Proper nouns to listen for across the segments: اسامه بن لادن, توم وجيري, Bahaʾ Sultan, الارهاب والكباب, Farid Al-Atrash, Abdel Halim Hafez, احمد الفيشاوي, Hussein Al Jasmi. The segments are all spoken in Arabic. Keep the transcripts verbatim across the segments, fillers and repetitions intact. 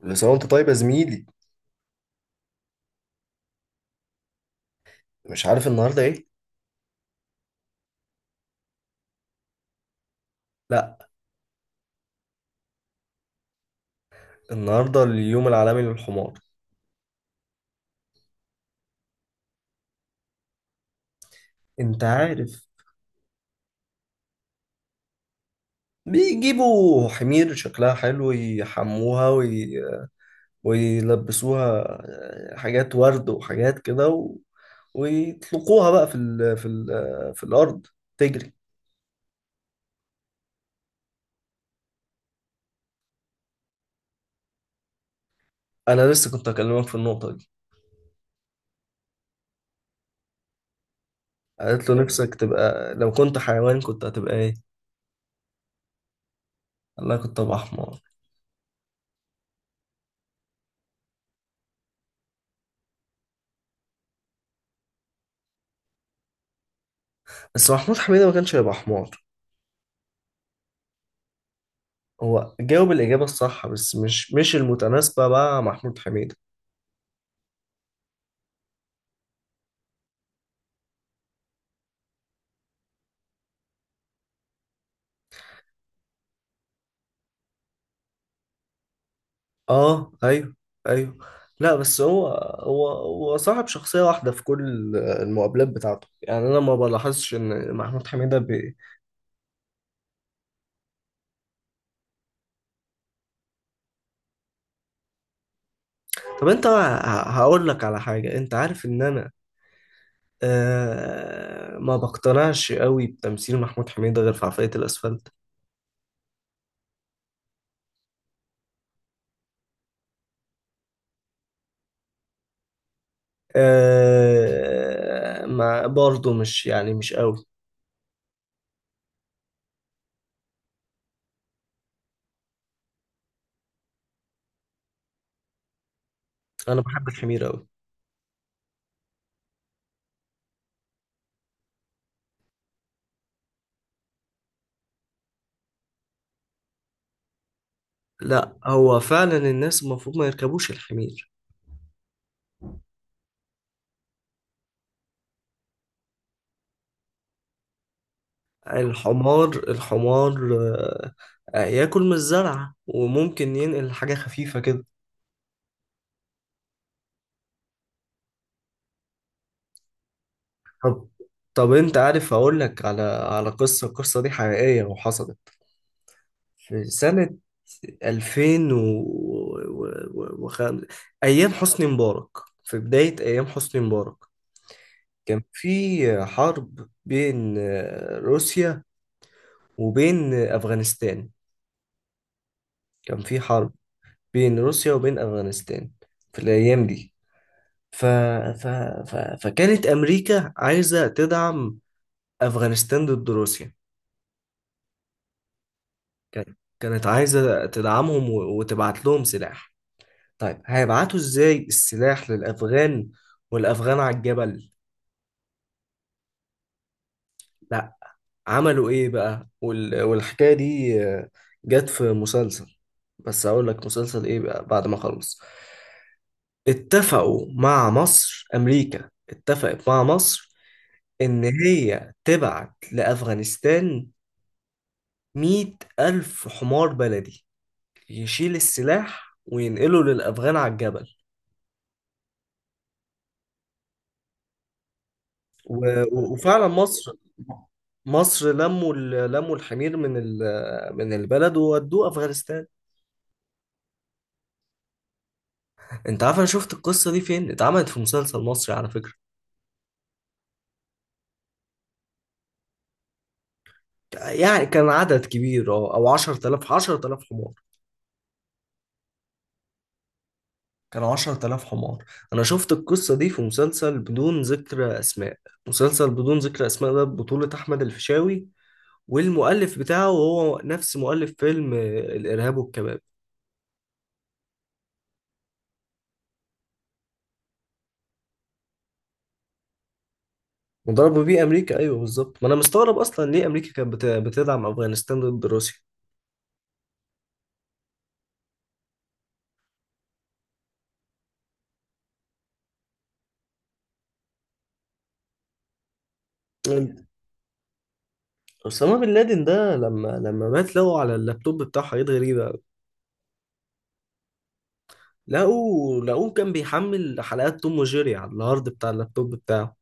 بس هو انت طيب يا زميلي؟ مش عارف النهارده ايه؟ لا. النهارده اليوم العالمي للحمار. انت عارف؟ بيجيبوا حمير شكلها حلو يحموها وي... ويلبسوها. آه، حاجات ورد وحاجات كده و... ويطلقوها بقى في ال... في ال... في الارض تجري. انا لسه كنت اكلمك في النقطه دي. قالت له نفسك تبقى لو كنت حيوان كنت هتبقى ايه؟ قال لها كنت ابقى حمار. بس محمود حميدة ما كانش هيبقى حمار. هو جاوب الإجابة الصح، بس مش مش المتناسبة بقى مع محمود حميدة. اه، ايوه، ايوه. لا، بس هو هو هو صاحب شخصية واحدة في كل المقابلات بتاعته، يعني انا ما بلاحظش ان محمود حميدة بي... طب انت ه- هقول لك على حاجة، انت عارف ان انا آه ما بقتنعش قوي بتمثيل محمود حميدة غير في عفاية الاسفلت. آه ما برضه مش، يعني مش قوي. انا بحب الحمير قوي. لا، هو فعلا الناس المفروض ما يركبوش الحمير. الحمار الحمار، آه، آه، ياكل من الزرعة وممكن ينقل حاجة خفيفة كده. طب طب، انت عارف اقول لك على على قصة؟ القصة دي حقيقية وحصلت في سنة ألفين و... و... و... خم... ايام حسني مبارك، في بداية ايام حسني مبارك. كان في حرب بين آه، روسيا وبين آه، افغانستان. كان في حرب بين روسيا وبين أفغانستان في الأيام دي. ف... ف... ف... فكانت أمريكا عايزة تدعم أفغانستان ضد روسيا. كانت كانت عايزة تدعمهم و... وتبعت لهم سلاح. طيب، هيبعتوا إزاي السلاح للأفغان والأفغان على الجبل؟ لا. عملوا إيه بقى؟ وال... والحكاية دي آه، جت في مسلسل، بس أقول لك مسلسل إيه بقى بعد ما أخلص. اتفقوا مع مصر أمريكا اتفقت مع مصر إن هي تبعت لأفغانستان مية ألف حمار بلدي يشيل السلاح وينقله للأفغان على الجبل. و- و- وفعلا مصر مصر لموا ال- لموا الحمير من ال- من البلد وودوه أفغانستان. أنت عارف أنا شفت القصة دي فين؟ اتعملت في مسلسل مصري على فكرة. يعني كان عدد كبير، أه، أو عشر آلاف عشر آلاف حمار، كانوا عشر آلاف حمار. انا شفت القصه دي في مسلسل بدون ذكر اسماء، مسلسل بدون ذكر اسماء ده بطوله احمد الفيشاوي. والمؤلف بتاعه هو نفس مؤلف فيلم آه، الارهاب والكباب. مضاربه بيه امريكا، ايوه بالظبط. ما انا مستغرب اصلا ليه امريكا كانت بت- بتدعم افغانستان ضد روسيا. اسامه بن لادن ده لما لما مات لقوا على اللابتوب بتاعه حاجات غريبه أوي. لقوا لقوه كان بيحمل حلقات توم وجيري على الهارد بتاع اللابتوب بتاعه.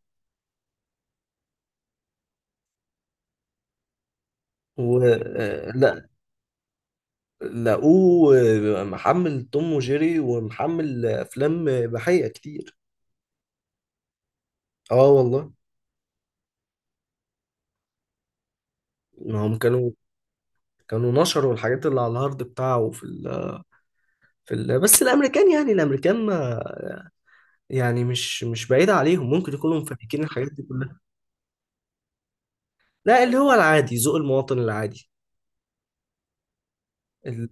و... لقوه محمل توم وجيري ومحمل افلام اباحيه كتير. اه والله. ما هم كانوا كانوا نشروا الحاجات اللي على الهارد بتاعه في ال... في ال... بس الامريكان، يعني الامريكان ما، يعني مش مش بعيد عليهم ممكن يكونوا مفككين الحاجات دي كلها. لا، اللي هو العادي، ذوق المواطن العادي. ال...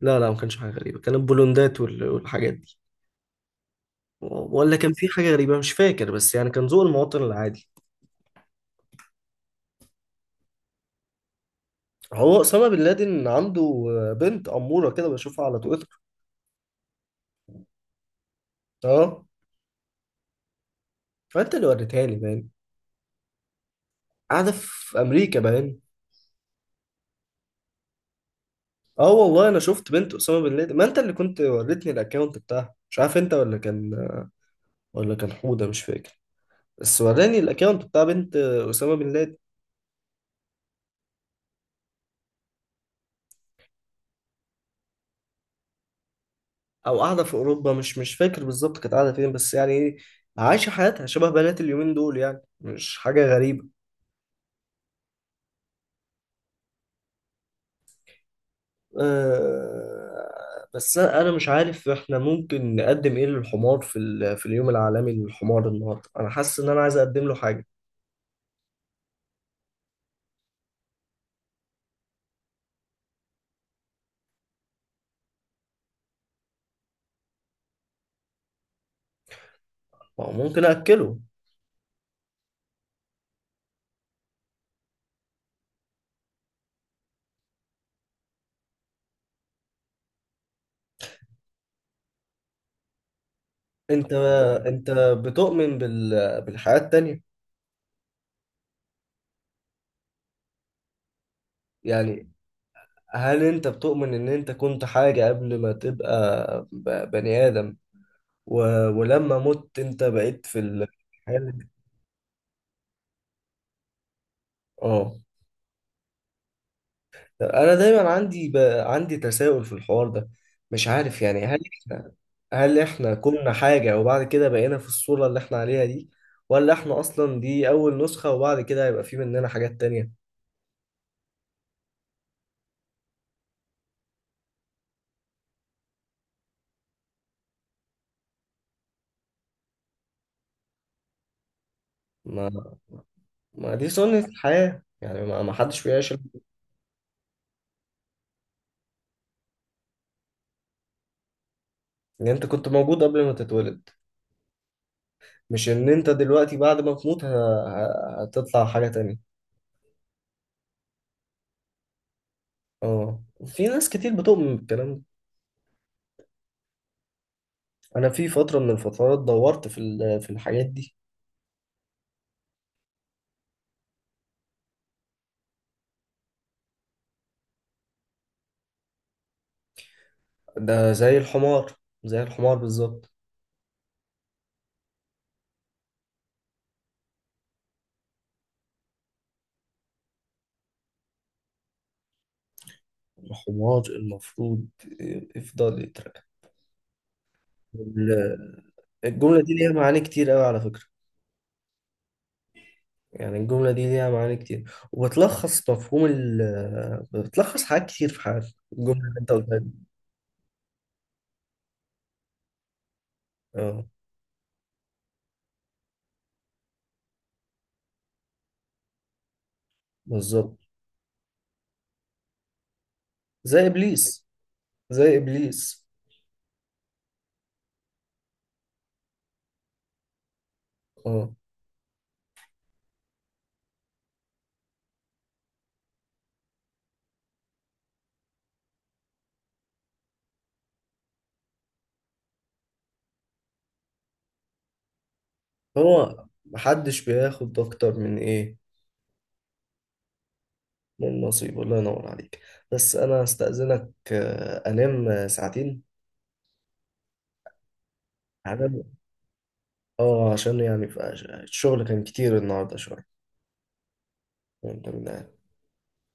لا، لا، ما كانش حاجه غريبه. كان البولوندات وال... والحاجات دي. ولا كان في حاجه غريبه مش فاكر، بس يعني كان ذوق المواطن العادي. هو اسامه بن لادن عنده بنت اموره كده، بشوفها على تويتر. اه. فانت اللي وريتها لي باين. قاعده في امريكا باين. اه والله، انا شفت بنت اسامه بن لادن، ما انت اللي كنت وريتني الاكونت بتاعها. مش عارف انت ولا كان ولا كان حوده، مش فاكر، بس وراني الاكونت بتاع بنت اسامه بن لادن. او قاعده في اوروبا، مش مش فاكر بالظبط كانت قاعده فين، بس يعني ايه، عايشه حياتها شبه بنات اليومين دول، يعني مش حاجه غريبه. أه. بس انا أنا مش عارف احنا ممكن نقدم ايه للحمار في ال- في اليوم العالمي للحمار النهارده، انا حاسس ان انا عايز اقدم له حاجه. ما هو ممكن اكله. انت انت بتؤمن بال... بالحياة التانية؟ يعني هل انت بتؤمن ان انت كنت حاجة قبل ما تبقى ب- بني آدم، و... ولما مت انت بقيت في الحياة اللي- اه. انا دايما عندي، ب... عندي تساؤل في الحوار ده، مش عارف. يعني هل احنا هل احنا كنا حاجة وبعد كده بقينا في الصورة اللي احنا عليها دي؟ ولا احنا اصلا دي اول نسخة وبعد كده هيبقى في مننا حاجات تانية؟ ما ما دي سنة الحياة، يعني ما ما حدش بيعيش. ان انت كنت موجود قبل ما تتولد، مش ان انت دلوقتي بعد ما تموت ه- ه- هتطلع حاجة تانية. اه، في ناس كتير بتؤمن بالكلام ده. انا في فترة من الفترات دورت في ال- في الحاجات دي. ده زي الحمار، زي الحمار بالظبط. الحمار المفروض يفضل يترقى. ال- الجملة دي ليها معاني كتير قوي على فكرة. يعني الجملة دي ليها معاني كتير وبتلخص مفهوم ال بتلخص حاجات كتير في حياتنا، الجملة اللي انت قلتها دي. اه بالظبط. زي ابليس، زي ابليس. اه، هو محدش بياخد اكتر من ايه، من نصيبه. الله ينور عليك. بس انا هستأذنك، آه، انام آه، ساعتين. هنام، اه، عشان يعني، ف- الشغل كان كتير النهارده شويه. وانت من